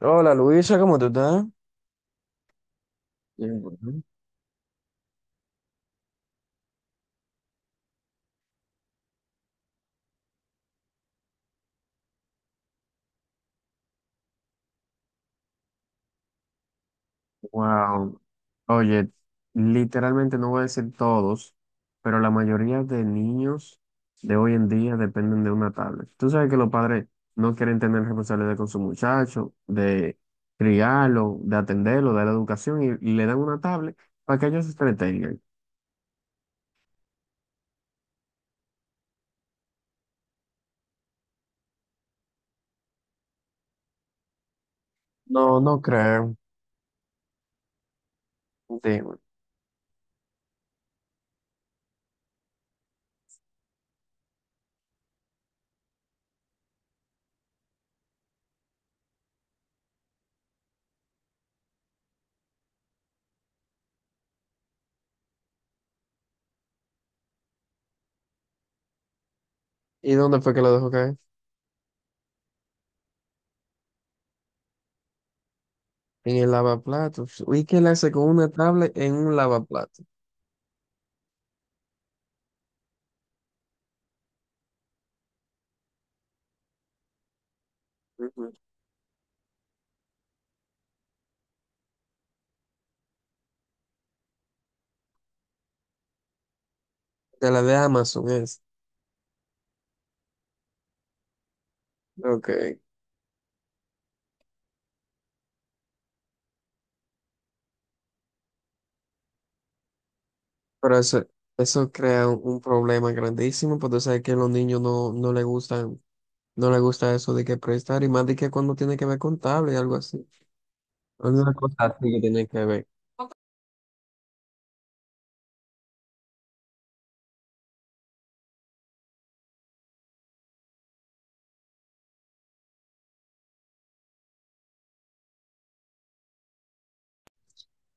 Hola Luisa, ¿cómo tú estás? Wow. Oye, literalmente no voy a decir todos, pero la mayoría de niños de hoy en día dependen de una tablet. Tú sabes que los padres no quieren tener responsabilidad con su muchacho, de criarlo, de atenderlo, de la educación, y le dan una tablet para que ellos se entretengan. No, no creo. Dime. ¿Y dónde fue que lo dejó caer? En el lavaplatos. ¿Y qué le hace con una tablet en un lavaplatos? Ujú. De la de Amazon es. Ok. Pero eso crea un problema grandísimo, porque tú sabes que a los niños no, no les gustan, no les gusta eso de que prestar, y más de que cuando tiene que ver con tablet y algo así. Alguna cosa así que tiene que ver.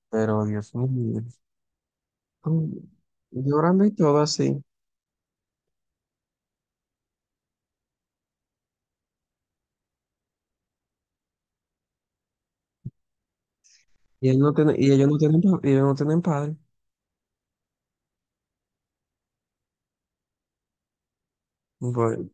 Pero Dios mío. Mm, llorando y todo así. Y él no tiene, y ellos no tienen, y ellos no tienen padre. Bueno,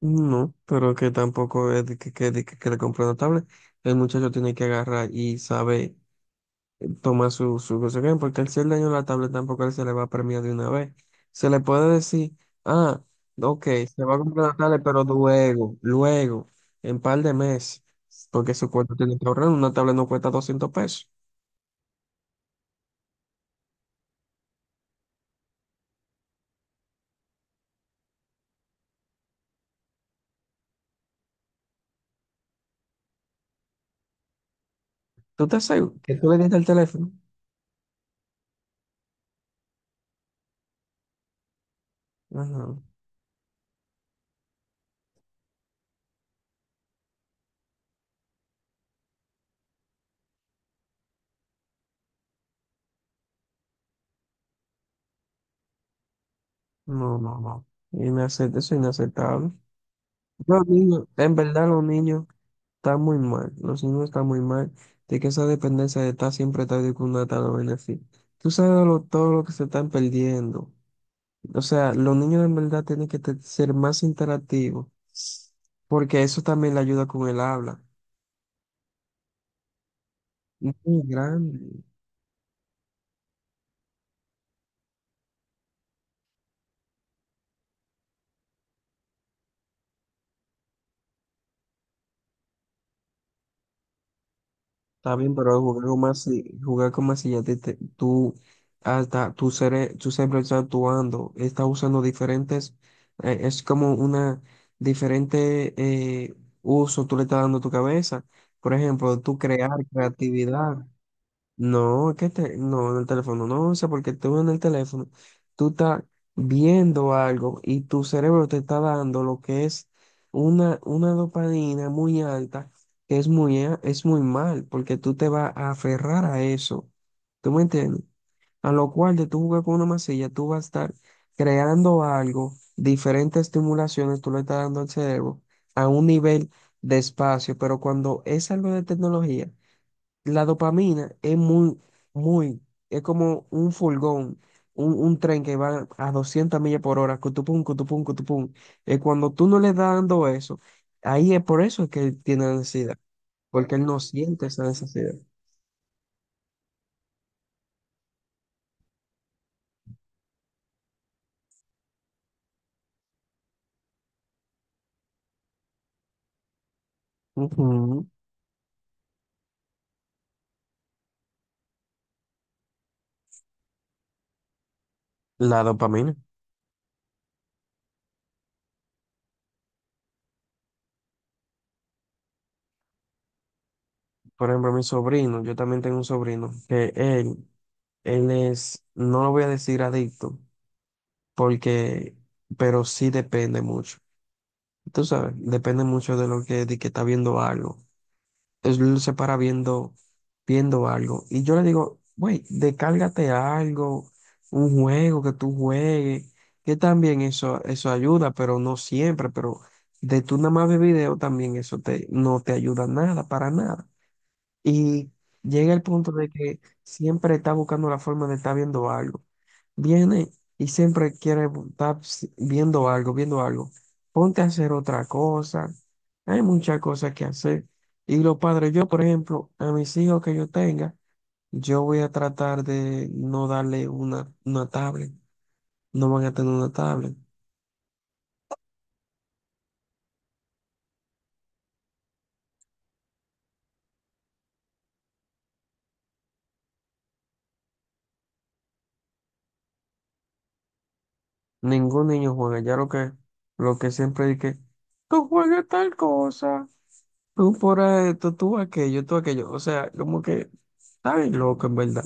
no, pero que tampoco es de que le compró una tablet. El muchacho tiene que agarrar y saber. Toma su, su consecuencia, porque al ser daño a la tablet tampoco a él se le va a premiar de una vez. Se le puede decir, ah, ok, se va a comprar la tablet, pero luego, luego, en par de meses, porque su cuarto tiene que ahorrar, una tablet no cuesta 200 pesos. ¿Tú te seguro que tú le diste el teléfono? Ajá. No, no, no. Eso es inaceptable. Los niños, en verdad, los niños. Está muy mal, los niños están muy mal, de que esa dependencia de estar siempre tarde con una tal vaina así. Todo lo que se están perdiendo. O sea, los niños en verdad tienen que ser más interactivos, porque eso también le ayuda con el habla. Muy grande. Está bien, pero jugar con más si ya tú, hasta tu cerebro está actuando, está usando diferentes, es como una diferente uso tú le estás dando a tu cabeza. Por ejemplo, tú crear creatividad. No, no, en el teléfono no, o sea porque tú en el teléfono, tú estás viendo algo y tu cerebro te está dando lo que es una dopamina muy alta, que es es muy mal, porque tú te vas a aferrar a eso. ¿Tú me entiendes? A lo cual de tú jugar con una masilla, tú vas a estar creando algo, diferentes estimulaciones tú le estás dando al cerebro a un nivel de espacio, pero cuando es algo de tecnología. La dopamina es muy, muy, es como un furgón, un tren que va a 200 millas por hora, cutupum, cutupum, cutupum. Y cuando tú no le estás dando eso, ahí es por eso que él tiene ansiedad, porque él no siente esa necesidad. Ujú. La dopamina. Por ejemplo, mi sobrino, yo también tengo un sobrino, que él es, no lo voy a decir adicto, porque, pero sí depende mucho. Tú sabes, depende mucho de lo que, de que está viendo algo. Él se para viendo, viendo algo. Y yo le digo, güey, descárgate algo, un juego que tú juegues, que también eso ayuda, pero no siempre, pero de tú nada más ver video también no te ayuda nada, para nada. Y llega el punto de que siempre está buscando la forma de estar viendo algo. Viene y siempre quiere bu- estar si- viendo algo, viendo algo. Ponte a hacer otra cosa. Hay muchas cosas que hacer. Y los padres, yo, por ejemplo, a mis hijos que yo tenga, yo voy a tratar de no darle una tablet. No van a tener una tablet. Ningún niño juega. Ya lo que siempre dije, tú juegas tal cosa. Tú fuera esto, tú aquello, tú aquello. O sea, como que está bien loco, en verdad.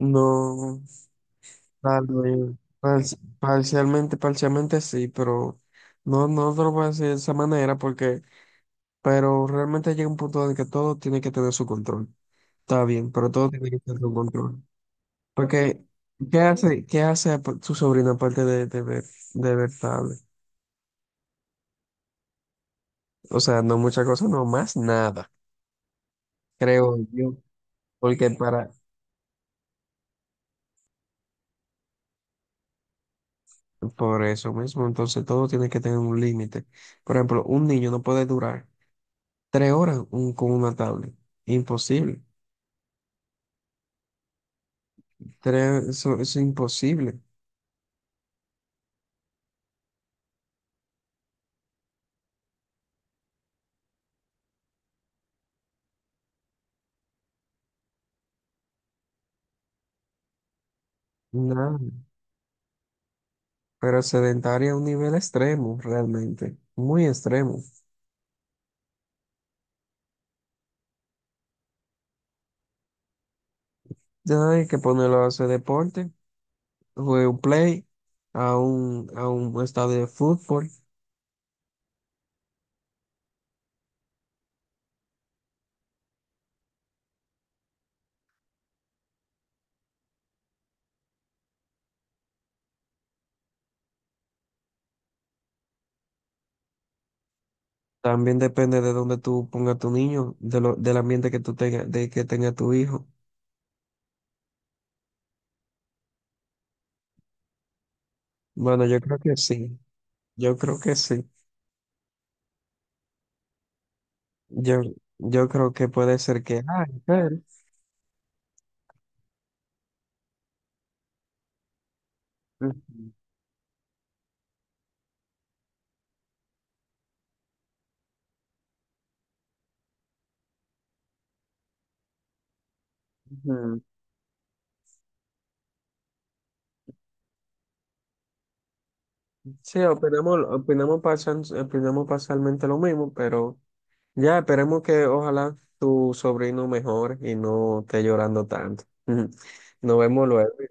No, tal vez, parcialmente, parcialmente sí, pero no, no te lo voy a decir de esa manera porque, pero realmente llega un punto en el que todo tiene que tener su control. Está bien, pero todo tiene que tener su control. Porque, ¿qué hace tu sobrina aparte de ver tablet? O sea, no muchas cosas, no más nada, creo yo. Porque para, Por eso mismo, entonces todo tiene que tener un límite. Por ejemplo, un niño no puede durar 3 horas con una tablet. Imposible. Eso es imposible. Nada. Pero sedentaria a un nivel extremo, realmente. Muy extremo. Ya no hay que ponerlo a hacer deporte, jugar un play, a un estadio de fútbol. También depende de dónde tú pongas tu niño, del ambiente que tú tengas, de que tenga tu hijo. Bueno, yo creo que sí. Yo creo que sí. Yo, yo creo que puede ser que... Ah, claro. Ujú, ujú. Sí, opinamos, opinamos parcialmente lo mismo, pero ya esperemos que ojalá tu sobrino mejore y no esté llorando tanto. Nos vemos luego.